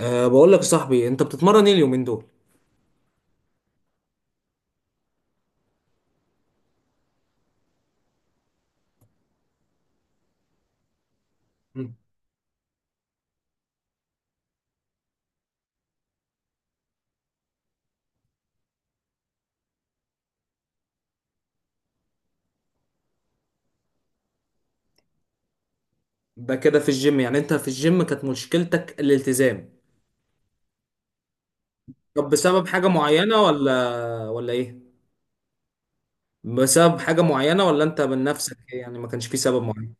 بقول لك يا صاحبي، انت بتتمرن ايه اليومين دول؟ مم. ده كده في الجيم، يعني انت في الجيم كانت مشكلتك الالتزام؟ طب بسبب حاجة معينة ولا ايه؟ بسبب حاجة معينة ولا انت من نفسك إيه؟ يعني ما كانش في سبب معين.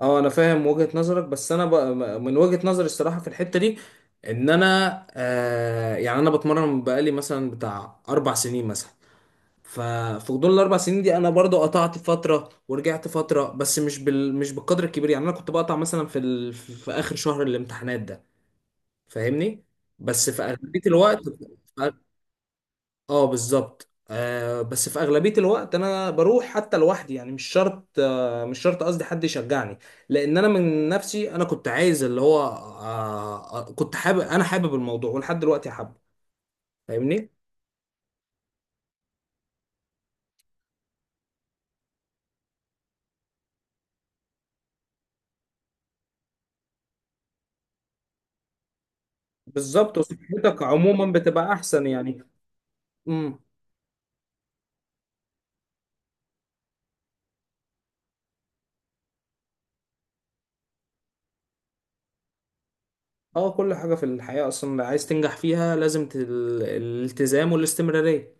اه، انا فاهم وجهة نظرك، بس انا بقى من وجهة نظري الصراحة في الحتة دي ان انا يعني انا بتمرن بقالي مثلا بتاع اربع سنين مثلا. ففي غضون الاربع سنين دي انا برضو قطعت فتره ورجعت فتره، بس مش بالقدر الكبير، يعني انا كنت بقطع مثلا في اخر شهر الامتحانات ده. فاهمني؟ بس في اغلبيه الوقت. اه، بالظبط. بس في اغلبيه الوقت انا بروح حتى لوحدي، يعني مش شرط قصدي حد يشجعني، لان انا من نفسي. انا كنت عايز اللي هو، كنت حابب، انا حابب الموضوع ولحد دلوقتي حابه. فاهمني؟ بالظبط، وصحتك عموما بتبقى احسن يعني. امم اه، كل حاجة في الحياة أصلا عايز تنجح فيها لازم الالتزام والاستمرارية.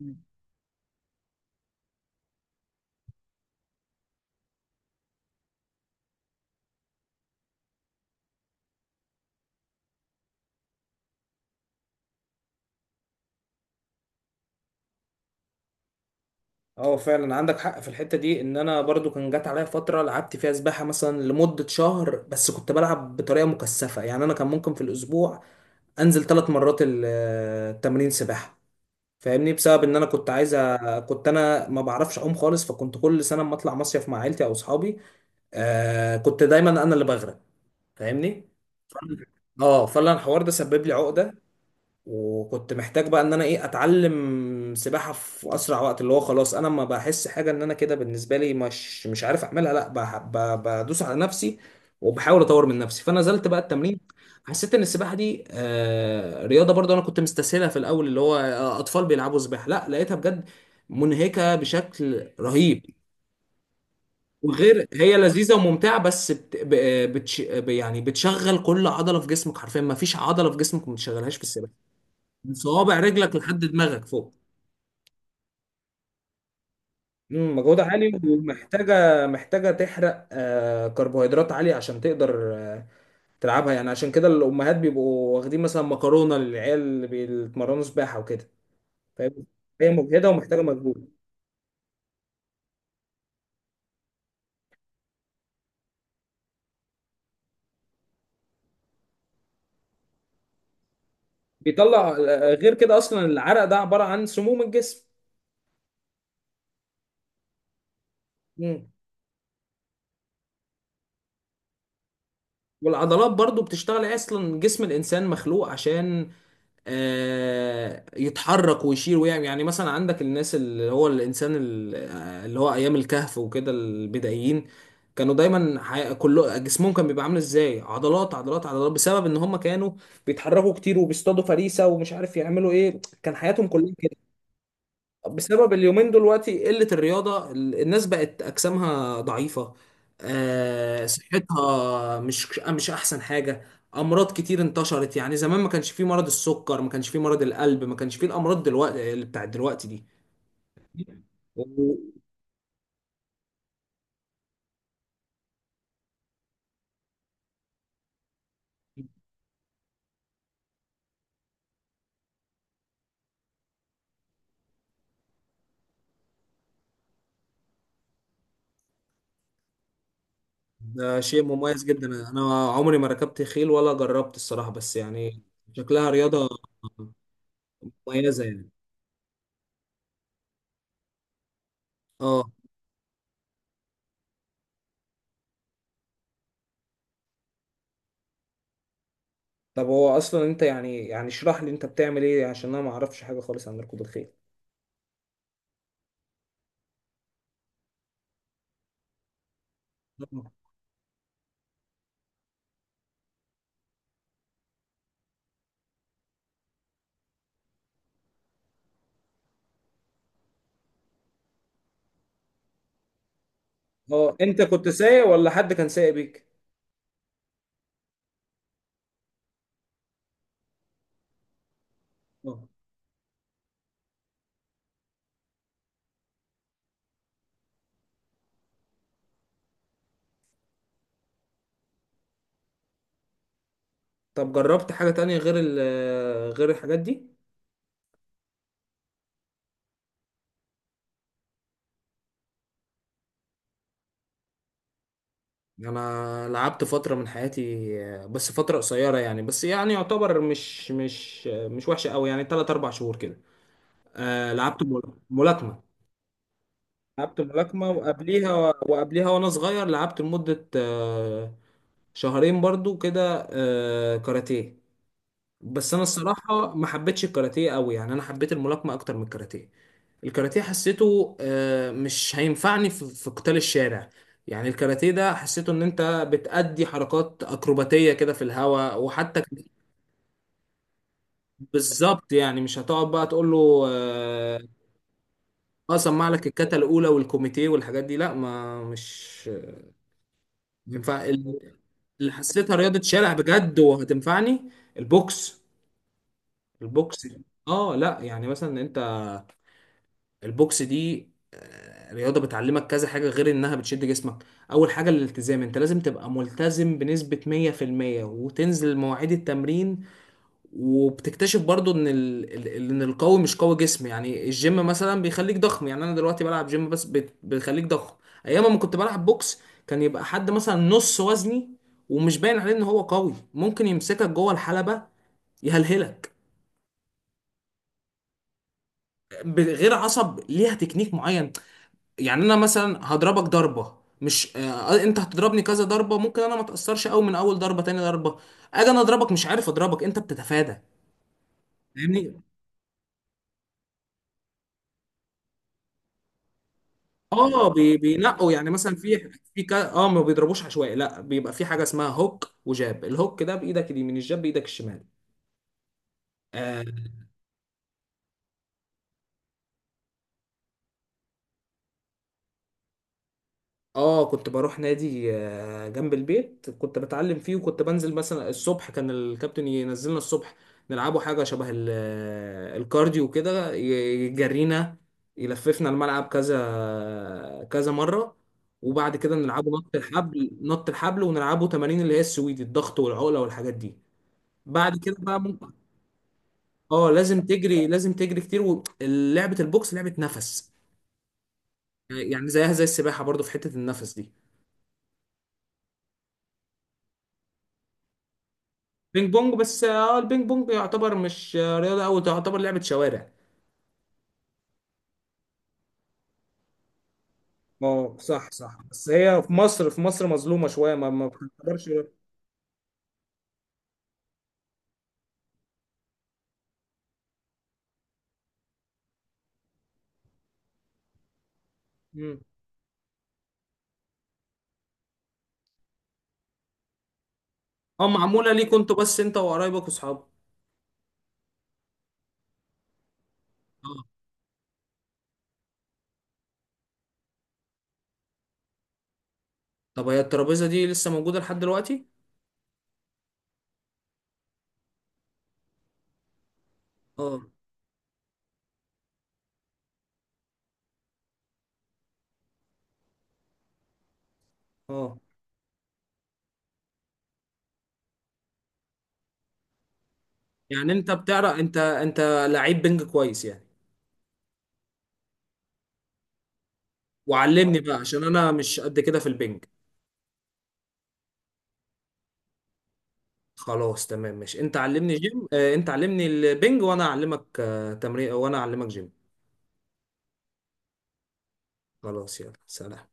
مم. اه، فعلا عندك حق في الحتة دي، ان انا برضو كان جات عليا فترة لعبت فيها سباحة مثلا لمدة شهر، بس كنت بلعب بطريقة مكثفة، يعني انا كان ممكن في الاسبوع انزل ثلاث مرات التمرين سباحة. فاهمني؟ بسبب ان انا كنت عايز كنت انا ما بعرفش اعوم خالص، فكنت كل سنة اما اطلع مصيف مع عيلتي او اصحابي. كنت دايما انا اللي بغرق. فاهمني؟ فأنا- اه، فعلا الحوار ده سبب لي عقدة، وكنت محتاج بقى ان انا ايه اتعلم سباحه في اسرع وقت، اللي هو خلاص انا ما بحس حاجه، ان انا كده بالنسبه لي مش مش عارف اعملها، لا بدوس على نفسي وبحاول اطور من نفسي. فنزلت بقى التمرين، حسيت ان السباحه دي رياضه، برضو انا كنت مستسهلها في الاول، اللي هو اطفال بيلعبوا سباحه، لا لقيتها بجد منهكه بشكل رهيب. وغير هي لذيذه وممتعه، بس يعني بتشغل كل عضله في جسمك حرفيا، ما فيش عضله في جسمك ما بتشغلهاش في السباحه. من صوابع رجلك لحد دماغك فوق. مجهودها عالي، ومحتاجة محتاجة تحرق كربوهيدرات عالية عشان تقدر تلعبها يعني. عشان كده الأمهات بيبقوا واخدين مثلا مكرونة للعيال اللي بيتمرنوا سباحة وكده. فاهم؟ هي مجهدة ومحتاجة مجهود. بيطلع غير كده أصلا العرق ده عبارة عن سموم الجسم. مم. والعضلات برضو بتشتغل، اصلا جسم الانسان مخلوق عشان يتحرك ويشيل ويعمل. يعني مثلا عندك الناس، اللي هو الانسان اللي هو ايام الكهف وكده، البدائيين كانوا دايما كله جسمهم كان بيبقى عامل ازاي، عضلات عضلات عضلات، بسبب ان هم كانوا بيتحركوا كتير وبيصطادوا فريسة ومش عارف يعملوا ايه، كان حياتهم كلها كده. بسبب اليومين دلوقتي قلة الرياضة الناس بقت أجسامها ضعيفة. صحتها مش مش أحسن حاجة. أمراض كتير انتشرت، يعني زمان ما كانش فيه مرض السكر، ما كانش فيه مرض القلب، ما كانش فيه الأمراض دلوقتي اللي بتاعت دلوقتي دي. و- ده شيء مميز جدا، أنا عمري ما ركبت خيل ولا جربت الصراحة، بس يعني شكلها رياضة مميزة يعني. اه. طب هو أصلا أنت، يعني اشرح لي، أنت بتعمل إيه؟ عشان أنا ما أعرفش حاجة خالص عن ركوب الخيل. اه، انت كنت سايق ولا حد كان سايق بيك؟ اه. طب جربت حاجة تانية غير ال غير الحاجات دي؟ انا لعبت فترة من حياتي، بس فترة قصيرة يعني، بس يعني يعتبر مش وحشة قوي، يعني 3 4 شهور كده. آه لعبت مل- ملاكمة. لعبت ملاكمة، وقبليها وانا صغير لعبت لمدة شهرين برضو كده كاراتيه. بس انا الصراحة ما حبيتش الكاراتيه قوي، يعني انا حبيت الملاكمة اكتر من الكاراتيه. الكاراتيه حسيته مش هينفعني في قتال الشارع، يعني الكاراتيه ده حسيته ان انت بتأدي حركات اكروباتيه كده في الهواء، بالظبط، يعني مش هتقعد بقى تقول له اه. سمع لك الكاتا الاولى والكوميتيه والحاجات دي، لا ما مش ينفع اللي حسيتها رياضه شارع بجد وهتنفعني. البوكس. البوكس. اه لا، يعني مثلا البوكس دي رياضة بتعلمك كذا حاجة غير انها بتشد جسمك. اول حاجة الالتزام، انت لازم تبقى ملتزم بنسبة 100% وتنزل مواعيد التمرين. وبتكتشف برضو ان ال... ال- ال- ان القوي مش قوي جسم، يعني الجيم مثلا بيخليك ضخم، يعني انا دلوقتي بلعب جيم، بس بيخليك ضخم. ايام ما كنت بلعب بوكس كان يبقى حد مثلا نص وزني، ومش باين عليه ان هو قوي، ممكن يمسكك جوه الحلبة يهلهلك. غير عصب، ليها تكنيك معين. يعني انا مثلا هضربك ضربه، مش انت هتضربني كذا ضربه ممكن انا ما اتاثرش قوي من اول ضربه تاني ضربه. اجي انا اضربك مش عارف اضربك، انت بتتفادى. فاهمني؟ اه، بينقوا، يعني مثلا في اه، ما بيضربوش عشوائي، لا بيبقى في حاجه اسمها هوك وجاب، الهوك ده بايدك اليمين، الجاب بايدك الشمال. آه، اه، كنت بروح نادي جنب البيت كنت بتعلم فيه، وكنت بنزل مثلا الصبح، كان الكابتن ينزلنا الصبح نلعبوا حاجة شبه الكارديو كده، يجرينا يلففنا الملعب كذا كذا مرة. وبعد كده نلعبه نط الحبل ونلعبه تمارين اللي هي السويدي، الضغط والعقلة والحاجات دي. بعد كده بقى ممكن. اه، لازم تجري، لازم تجري كتير، ولعبة البوكس لعبة نفس، يعني زيها زي السباحة برضو في حتة النفس دي. بينج بونج؟ بس اه، البينج بونج يعتبر مش رياضة أوي، تعتبر لعبة شوارع. اه صح صح، بس هي في مصر، في مصر مظلومة شوية، ما بتقدرش. مم. اه معمولة ليك انتوا، بس انت وقرايبك واصحابك؟ اه. طب هي الترابيزة دي لسه موجودة لحد دلوقتي؟ اه اه. يعني انت بتعرف، انت لعيب بينج كويس يعني؟ وعلمني بقى عشان انا مش قد كده في البينج. خلاص تمام، ماشي، انت علمني جيم، انت علمني البينج، وانا اعلمك تمرين، وانا اعلمك جيم. خلاص يلا، سلام.